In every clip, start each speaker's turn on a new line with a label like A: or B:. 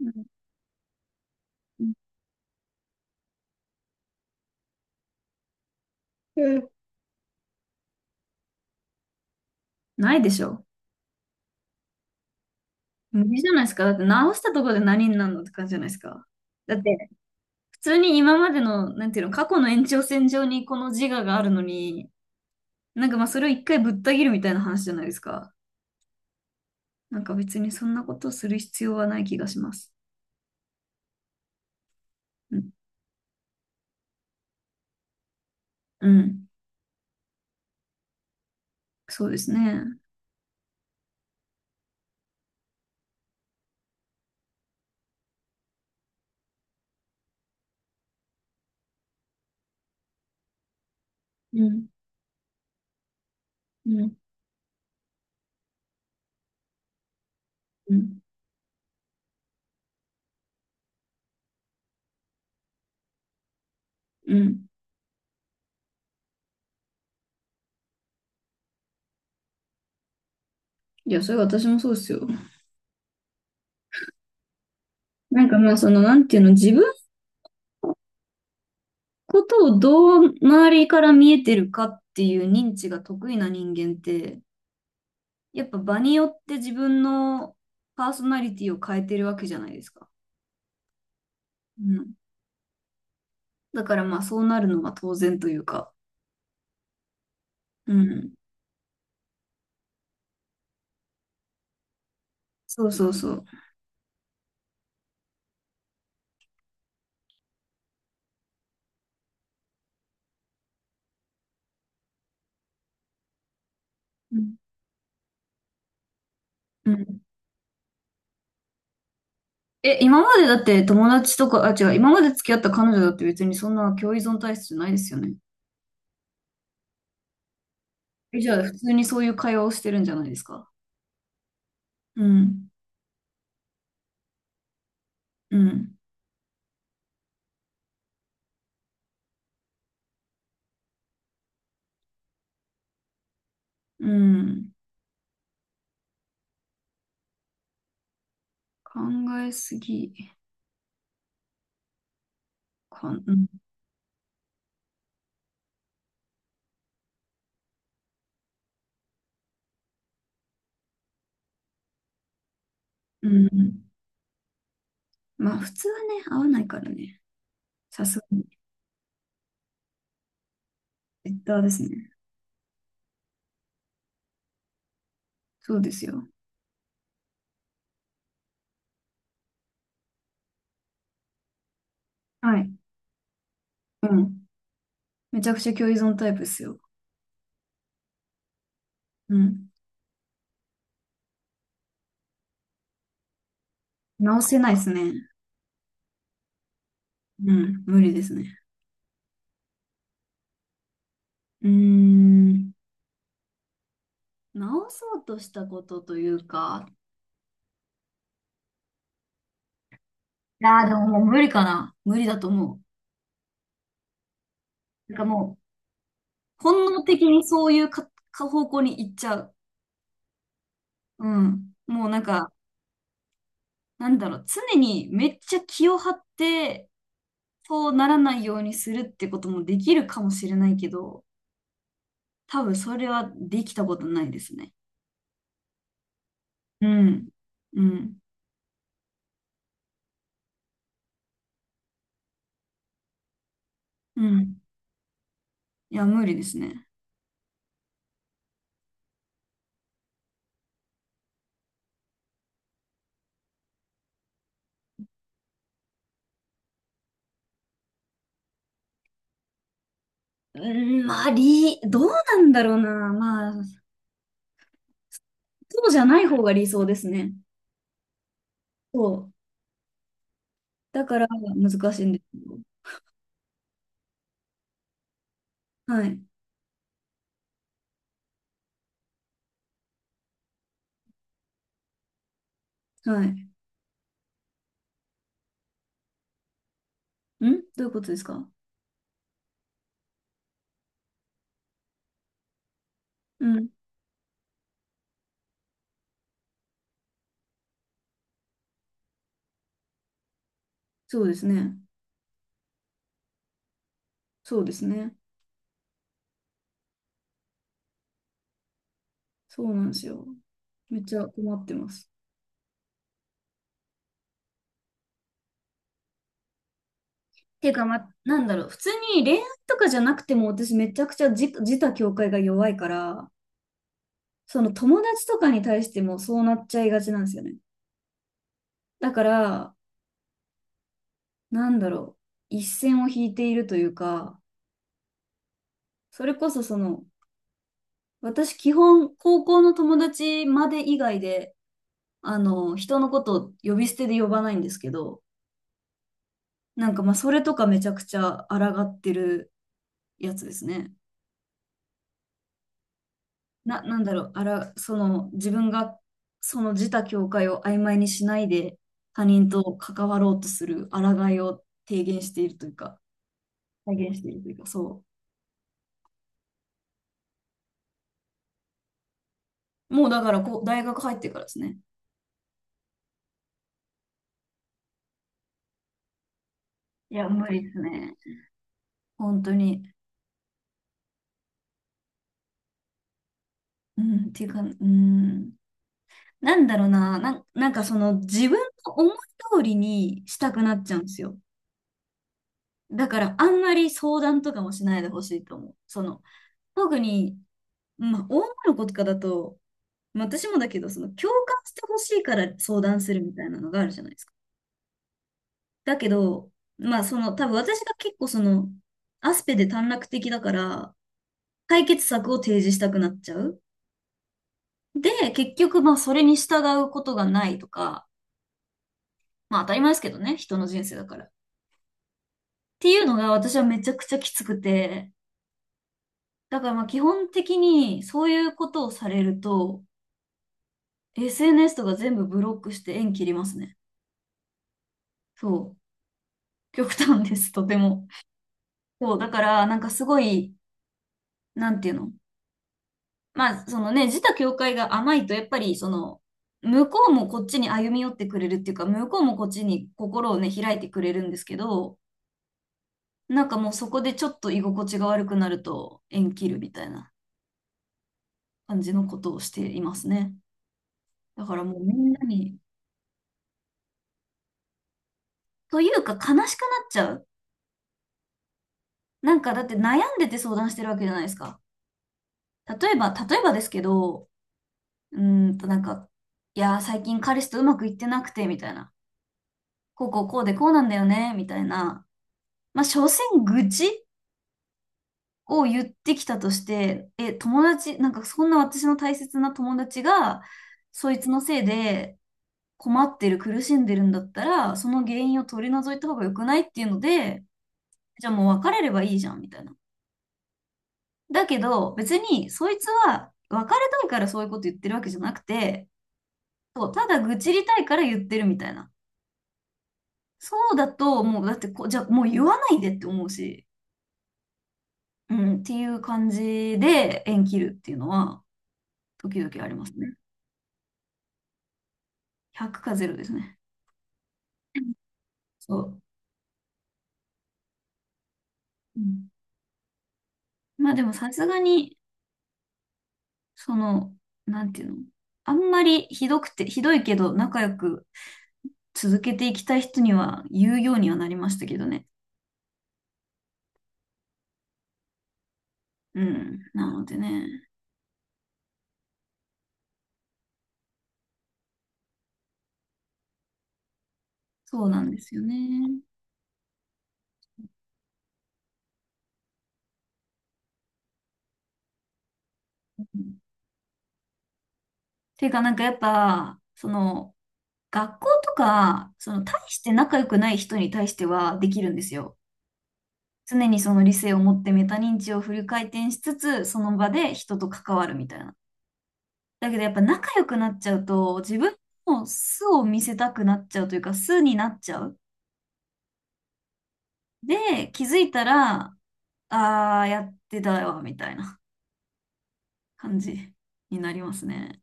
A: うん。うん。ないでしょ。無理じゃないですか。だって直したところで何になるのって感じじゃないですか。だって普通に今までの、なんていうの、過去の延長線上にこの自我があるのに、なんかまあそれを一回ぶった切るみたいな話じゃないですか。なんか別にそんなことをする必要はない気がします。うん。うん。そうですね。うん。うん。うん。うん。いや、それ私もそうですよ。なんかまあその、なんていうの、自分ことをどう周りから見えてるかっていう認知が得意な人間って、やっぱ場によって自分のパーソナリティを変えてるわけじゃないですか。うん。だからまあそうなるのが当然というか。うん。そうそうそう。うん。うん。え、今までだって友達とか、あ、違う、今まで付き合った彼女だって別にそんな共依存体質じゃないですよね。え、じゃあ普通にそういう会話をしてるんじゃないですか。うん。うん。うん。考えすぎ。かん、うん。うん。まあ、普通はね、合わないからね。さすがに、ツイッターですね。そうですよ。はい。うん。めちゃくちゃ共依存タイプですよ。うん。直せないですね。うん。無理ですね。うーん。直そうとしたことというか、ああ、でももう無理かな。無理だと思う。なんかもう、本能的にそういう方向に行っちゃう。う。うん。もうなんか、なんだろう、常にめっちゃ気を張って、そうならないようにするってこともできるかもしれないけど、多分それはできたことないですね。うん。うん。うん。いや、無理ですね。うーん、まあ、どうなんだろうな。まあ、そうじゃない方が理想ですね。そう。だから難しいんですよ。はい。はい。どういうことですか？うん。そうですね。そうですね。そうなんですよ。めっちゃ困ってます。っていうか、まあ、なんだろう。普通に恋愛とかじゃなくても、私めちゃくちゃ自他境界が弱いから、その友達とかに対してもそうなっちゃいがちなんですよね。だから、なんだろう、一線を引いているというか、それこそその、私基本高校の友達まで以外で、人のことを呼び捨てで呼ばないんですけど、なんかまあそれとかめちゃくちゃ抗ってるやつですね。なんだろう、あら、その自分がその自他境界を曖昧にしないで他人と関わろうとする抗いを提言しているというか。再現しているというか、そう。もうだからこう、大学入ってからですね。いや、無理ですね。本当に。うん、っていうか、うん。なんだろうな、なんかその自分の思い通りにしたくなっちゃうんですよ。だからあんまり相談とかもしないでほしいと思う。その、特に、まあ、女の子とかだと、まあ私もだけど、その共感してほしいから相談するみたいなのがあるじゃないですか。だけど、まあその、多分私が結構その、アスペで短絡的だから、解決策を提示したくなっちゃう。で、結局、まあ、それに従うことがないとか、まあ、当たり前ですけどね、人の人生だから。っていうのが私はめちゃくちゃきつくて、だからまあ、基本的にそういうことをされると、SNS とか全部ブロックして縁切りますね。そう。極端です、とても。そう、だから、なんかすごい、なんていうの、まあ、そのね、自他境界が甘いと、やっぱり、その、向こうもこっちに歩み寄ってくれるっていうか、向こうもこっちに心をね、開いてくれるんですけど、なんかもうそこでちょっと居心地が悪くなると縁切るみたいな感じのことをしていますね。だからもうみんなに、というか悲しくなっちゃう。なんかだって悩んでて相談してるわけじゃないですか。例えば、例えばですけど、うーんとなんか、いやー、最近彼氏とうまくいってなくて、みたいな。こうこうこうでこうなんだよね、みたいな。まあ、所詮愚痴を言ってきたとして、え、なんかそんな私の大切な友達が、そいつのせいで困ってる、苦しんでるんだったら、その原因を取り除いた方が良くないっていうので、じゃあもう別れればいいじゃん、みたいな。だけど、別にそいつは別れたいからそういうこと言ってるわけじゃなくて、そう、ただ愚痴りたいから言ってるみたいな。そうだと、もうだってじゃあもう言わないでって思うし、うん、っていう感じで縁切るっていうのは、時々ありますね。100か0ですね。そう。うん。まあでもさすがに、その、なんていうの、あんまりひどくて、ひどいけど仲良く続けていきたい人には言うようにはなりましたけどね。うん。なのでね、そうなんですよね。うん。ていうかなんかやっぱ、その、学校とか、その、大して仲良くない人に対してはできるんですよ。常にその理性を持ってメタ認知をフル回転しつつ、その場で人と関わるみたいな。だけどやっぱ仲良くなっちゃうと、自分の素を見せたくなっちゃうというか、素になっちゃう。で、気づいたら、あーやってたよみたいな感じになりますね。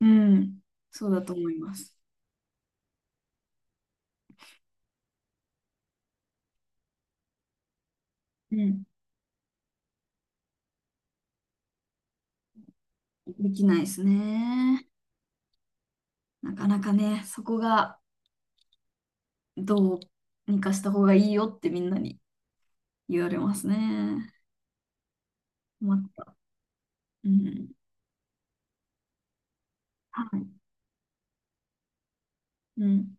A: うん。そうだと思います。うん。できないですね。なかなかね、そこがどうにかした方がいいよってみんなに言われますね。困った。うん。はい。うん。